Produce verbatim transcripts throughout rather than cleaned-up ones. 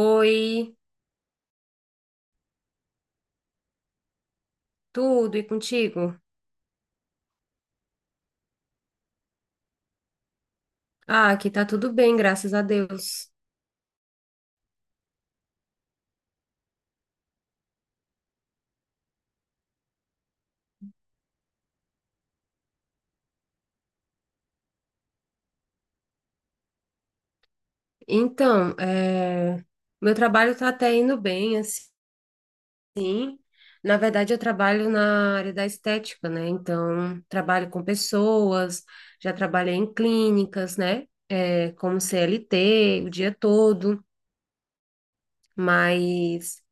Oi, tudo e contigo? Ah, aqui tá tudo bem, graças a Deus. Então, é, meu trabalho tá até indo bem, assim. Na verdade, eu trabalho na área da estética, né? Então, trabalho com pessoas, já trabalhei em clínicas, né? É, como C L T o dia todo, mas.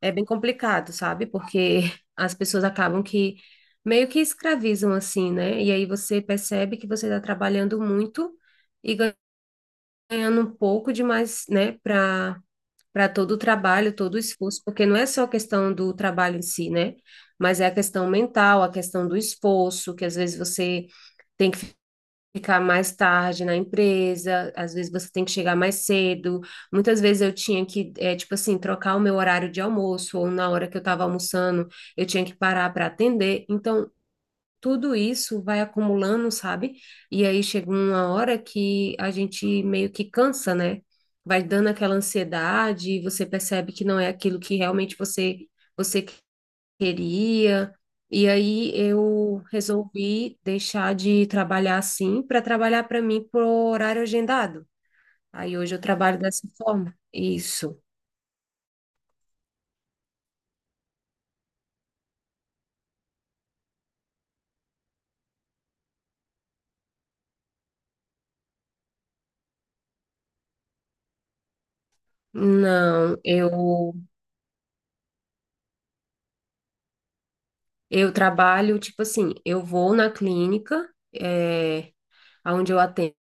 É bem complicado, sabe? Porque as pessoas acabam que meio que escravizam assim, né? E aí você percebe que você está trabalhando muito e ganhando um pouco demais, né? Para para todo o trabalho, todo o esforço, porque não é só a questão do trabalho em si, né? Mas é a questão mental, a questão do esforço, que às vezes você tem que ficar mais tarde na empresa, às vezes você tem que chegar mais cedo. Muitas vezes eu tinha que, é, tipo assim, trocar o meu horário de almoço, ou na hora que eu estava almoçando, eu tinha que parar para atender. Então, tudo isso vai acumulando, sabe? E aí chega uma hora que a gente meio que cansa, né? Vai dando aquela ansiedade, e você percebe que não é aquilo que realmente você você queria. E aí eu resolvi deixar de trabalhar assim para trabalhar para mim por horário agendado. Aí hoje eu trabalho dessa forma. Isso. Não, eu eu trabalho tipo assim, eu vou na clínica, é, onde eu atendo,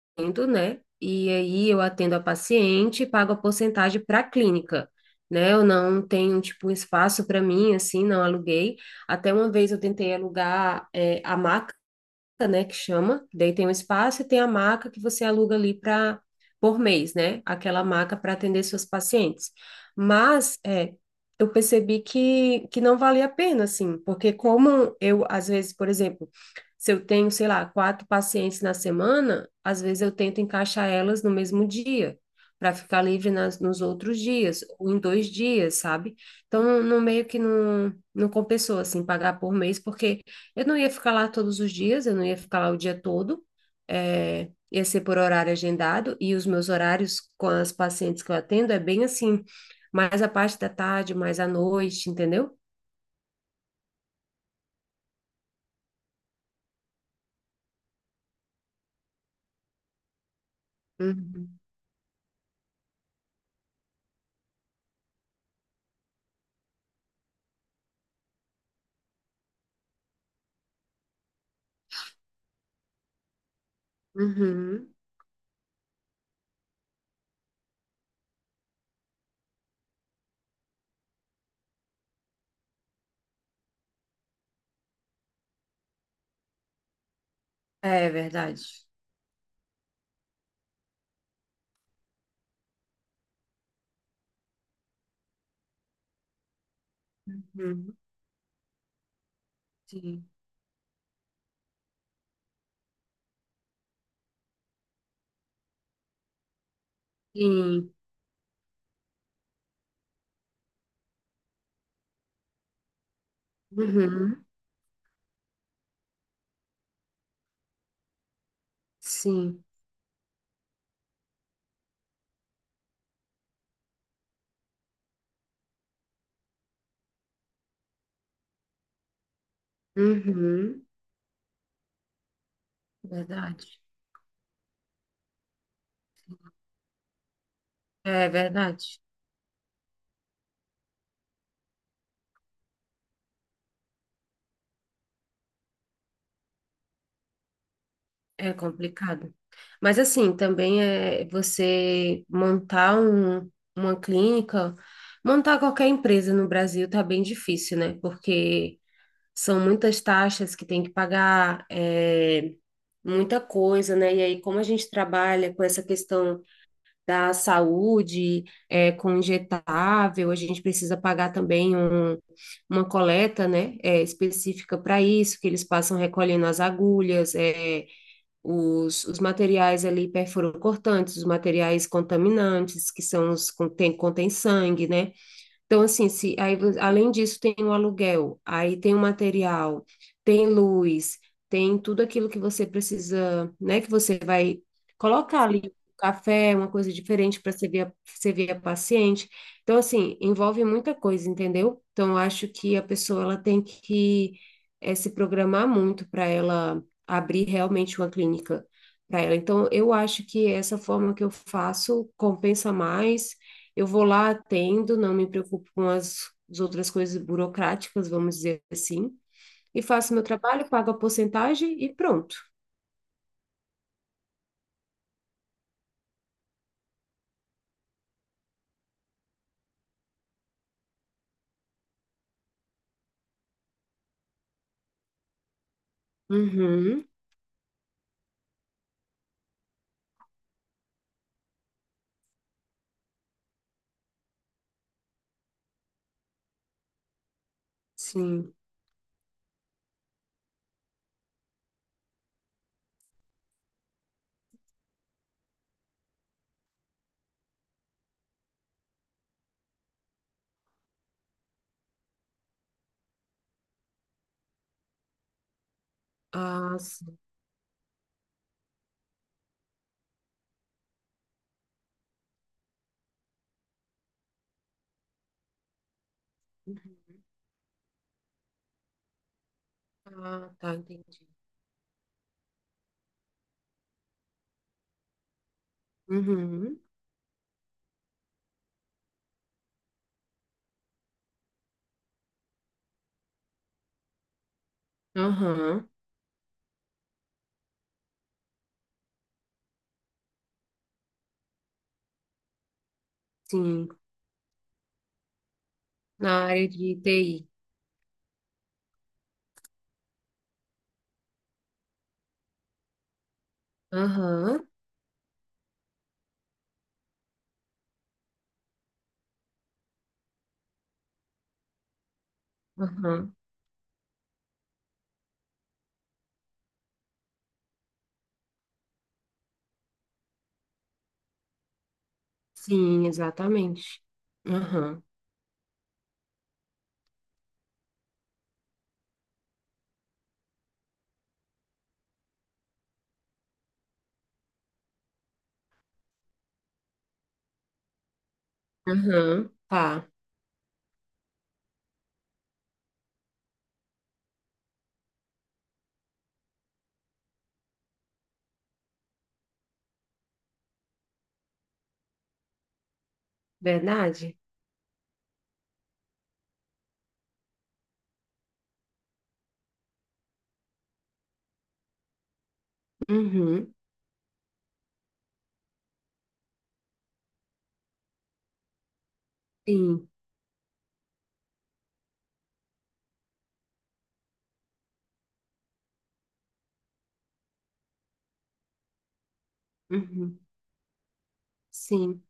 né? E aí eu atendo a paciente, pago a porcentagem para a clínica, né? Eu não tenho tipo um espaço para mim assim, não aluguei. Até uma vez eu tentei alugar é, a maca né, que chama, daí tem um espaço e tem a maca que você aluga ali para por mês, né? Aquela maca para atender seus pacientes. Mas é, eu percebi que, que não valia a pena, assim, porque como eu, às vezes, por exemplo, se eu tenho, sei lá, quatro pacientes na semana, às vezes eu tento encaixar elas no mesmo dia, para ficar livre nas, nos outros dias, ou em dois dias, sabe? Então, no meio que não, não compensou, assim, pagar por mês, porque eu não ia ficar lá todos os dias, eu não ia ficar lá o dia todo, eh, ia ser por horário agendado, e os meus horários com as pacientes que eu atendo é bem assim, mais a parte da tarde, mais à noite, entendeu? Uhum. Uhum. É verdade. Uhum. Sim. Sim. Uhum. Sim. Uhum. Verdade. É verdade. É complicado. Mas assim, também é você montar um, uma clínica, montar qualquer empresa no Brasil tá bem difícil, né? Porque são muitas taxas que tem que pagar, é, muita coisa, né? E aí, como a gente trabalha com essa questão da saúde, é, com injetável, a gente precisa pagar também um, uma coleta, né? É, específica para isso, que eles passam recolhendo as agulhas, é os, os materiais ali perfurocortantes, os materiais contaminantes, que são os que contêm sangue, né? Então, assim, se, aí, além disso, tem o aluguel, aí tem o material, tem luz, tem tudo aquilo que você precisa, né? Que você vai colocar ali um café, uma coisa diferente para servir a, servir a paciente. Então, assim, envolve muita coisa, entendeu? Então, eu acho que a pessoa ela tem que eh, se programar muito para ela abrir realmente uma clínica para ela. Então, eu acho que essa forma que eu faço compensa mais eu vou lá, atendo, não me preocupo com as, as outras coisas burocráticas, vamos dizer assim, e faço meu trabalho, pago a porcentagem e pronto. Uhum, sim. Ah, sim. Ah, tá, entendi. Uhum, aham, sim. Na área de T I. Aham, aham, sim, exatamente. Aham, aham, tá, verdade? Uhum, sim, uhum, sim,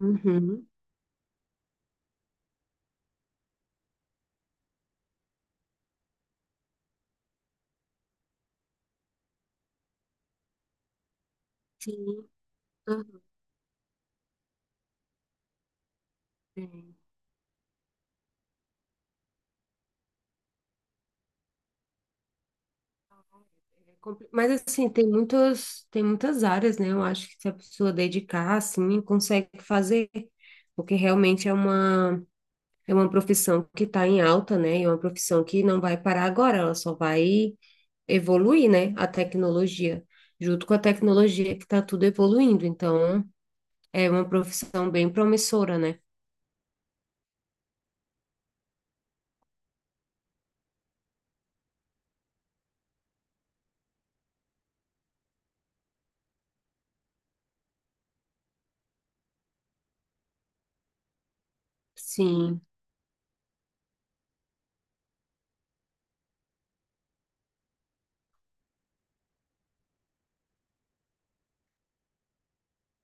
uhum, sim, aham. É compli- Mas assim, tem muitos, tem muitas áreas, né? Eu acho que se a pessoa dedicar, assim, consegue fazer, porque realmente é uma, é uma profissão que está em alta, né? E é uma profissão que não vai parar agora, ela só vai evoluir, né? A tecnologia, junto com a tecnologia que está tudo evoluindo. Então, é uma profissão bem promissora, né? Sim.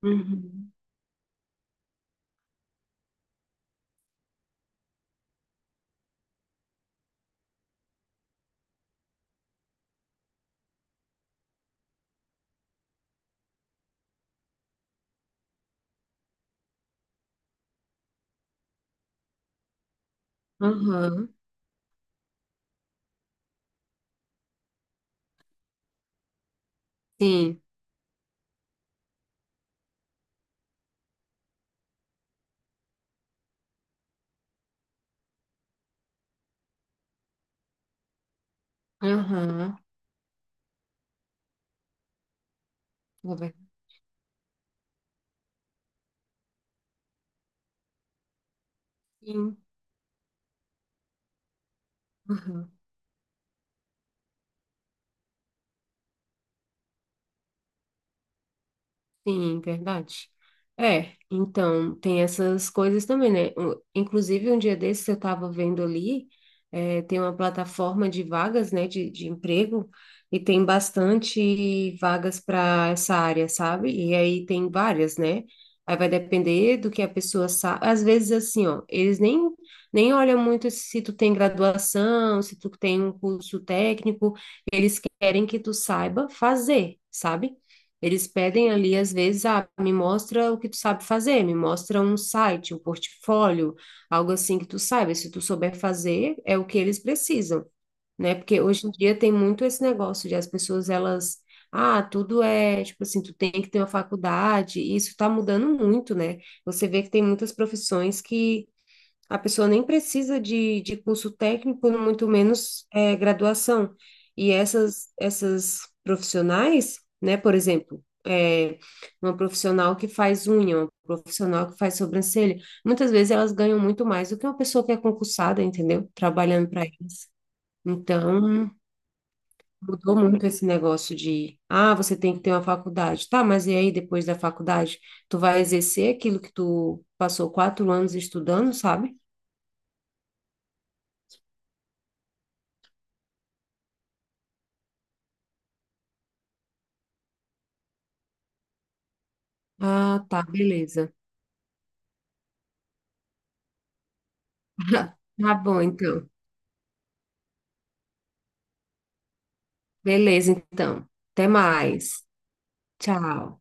Uhum. Aham. Sim. Aham. Vou ver. Sim. Aham. Sim, verdade. É, então tem essas coisas também, né? O- Inclusive, um dia desses eu estava vendo ali, é, tem uma plataforma de vagas, né, de, de emprego, e tem bastante vagas para essa área, sabe? E aí tem várias, né? Aí vai depender do que a pessoa sabe. Às vezes, assim, ó, eles nem, nem olham muito se tu tem graduação, se tu tem um curso técnico, eles querem que tu saiba fazer, sabe? Eles pedem ali, às vezes, ah, me mostra o que tu sabe fazer, me mostra um site, um portfólio, algo assim que tu saiba. Se tu souber fazer, é o que eles precisam, né? Porque hoje em dia tem muito esse negócio de as pessoas, elas, ah, tudo é, tipo assim, tu tem que ter uma faculdade, e isso tá mudando muito, né? Você vê que tem muitas profissões que a pessoa nem precisa de, de curso técnico, muito menos é, graduação. E essas, essas profissionais, né, por exemplo, é, uma profissional que faz unha, uma profissional que faz sobrancelha, muitas vezes elas ganham muito mais do que uma pessoa que é concursada, entendeu? Trabalhando para eles. Então, mudou muito esse negócio de, ah, você tem que ter uma faculdade. Tá, mas e aí, depois da faculdade, tu vai exercer aquilo que tu passou quatro anos estudando, sabe? Ah, tá, beleza. Tá bom, então. Beleza, então. Até mais. Tchau.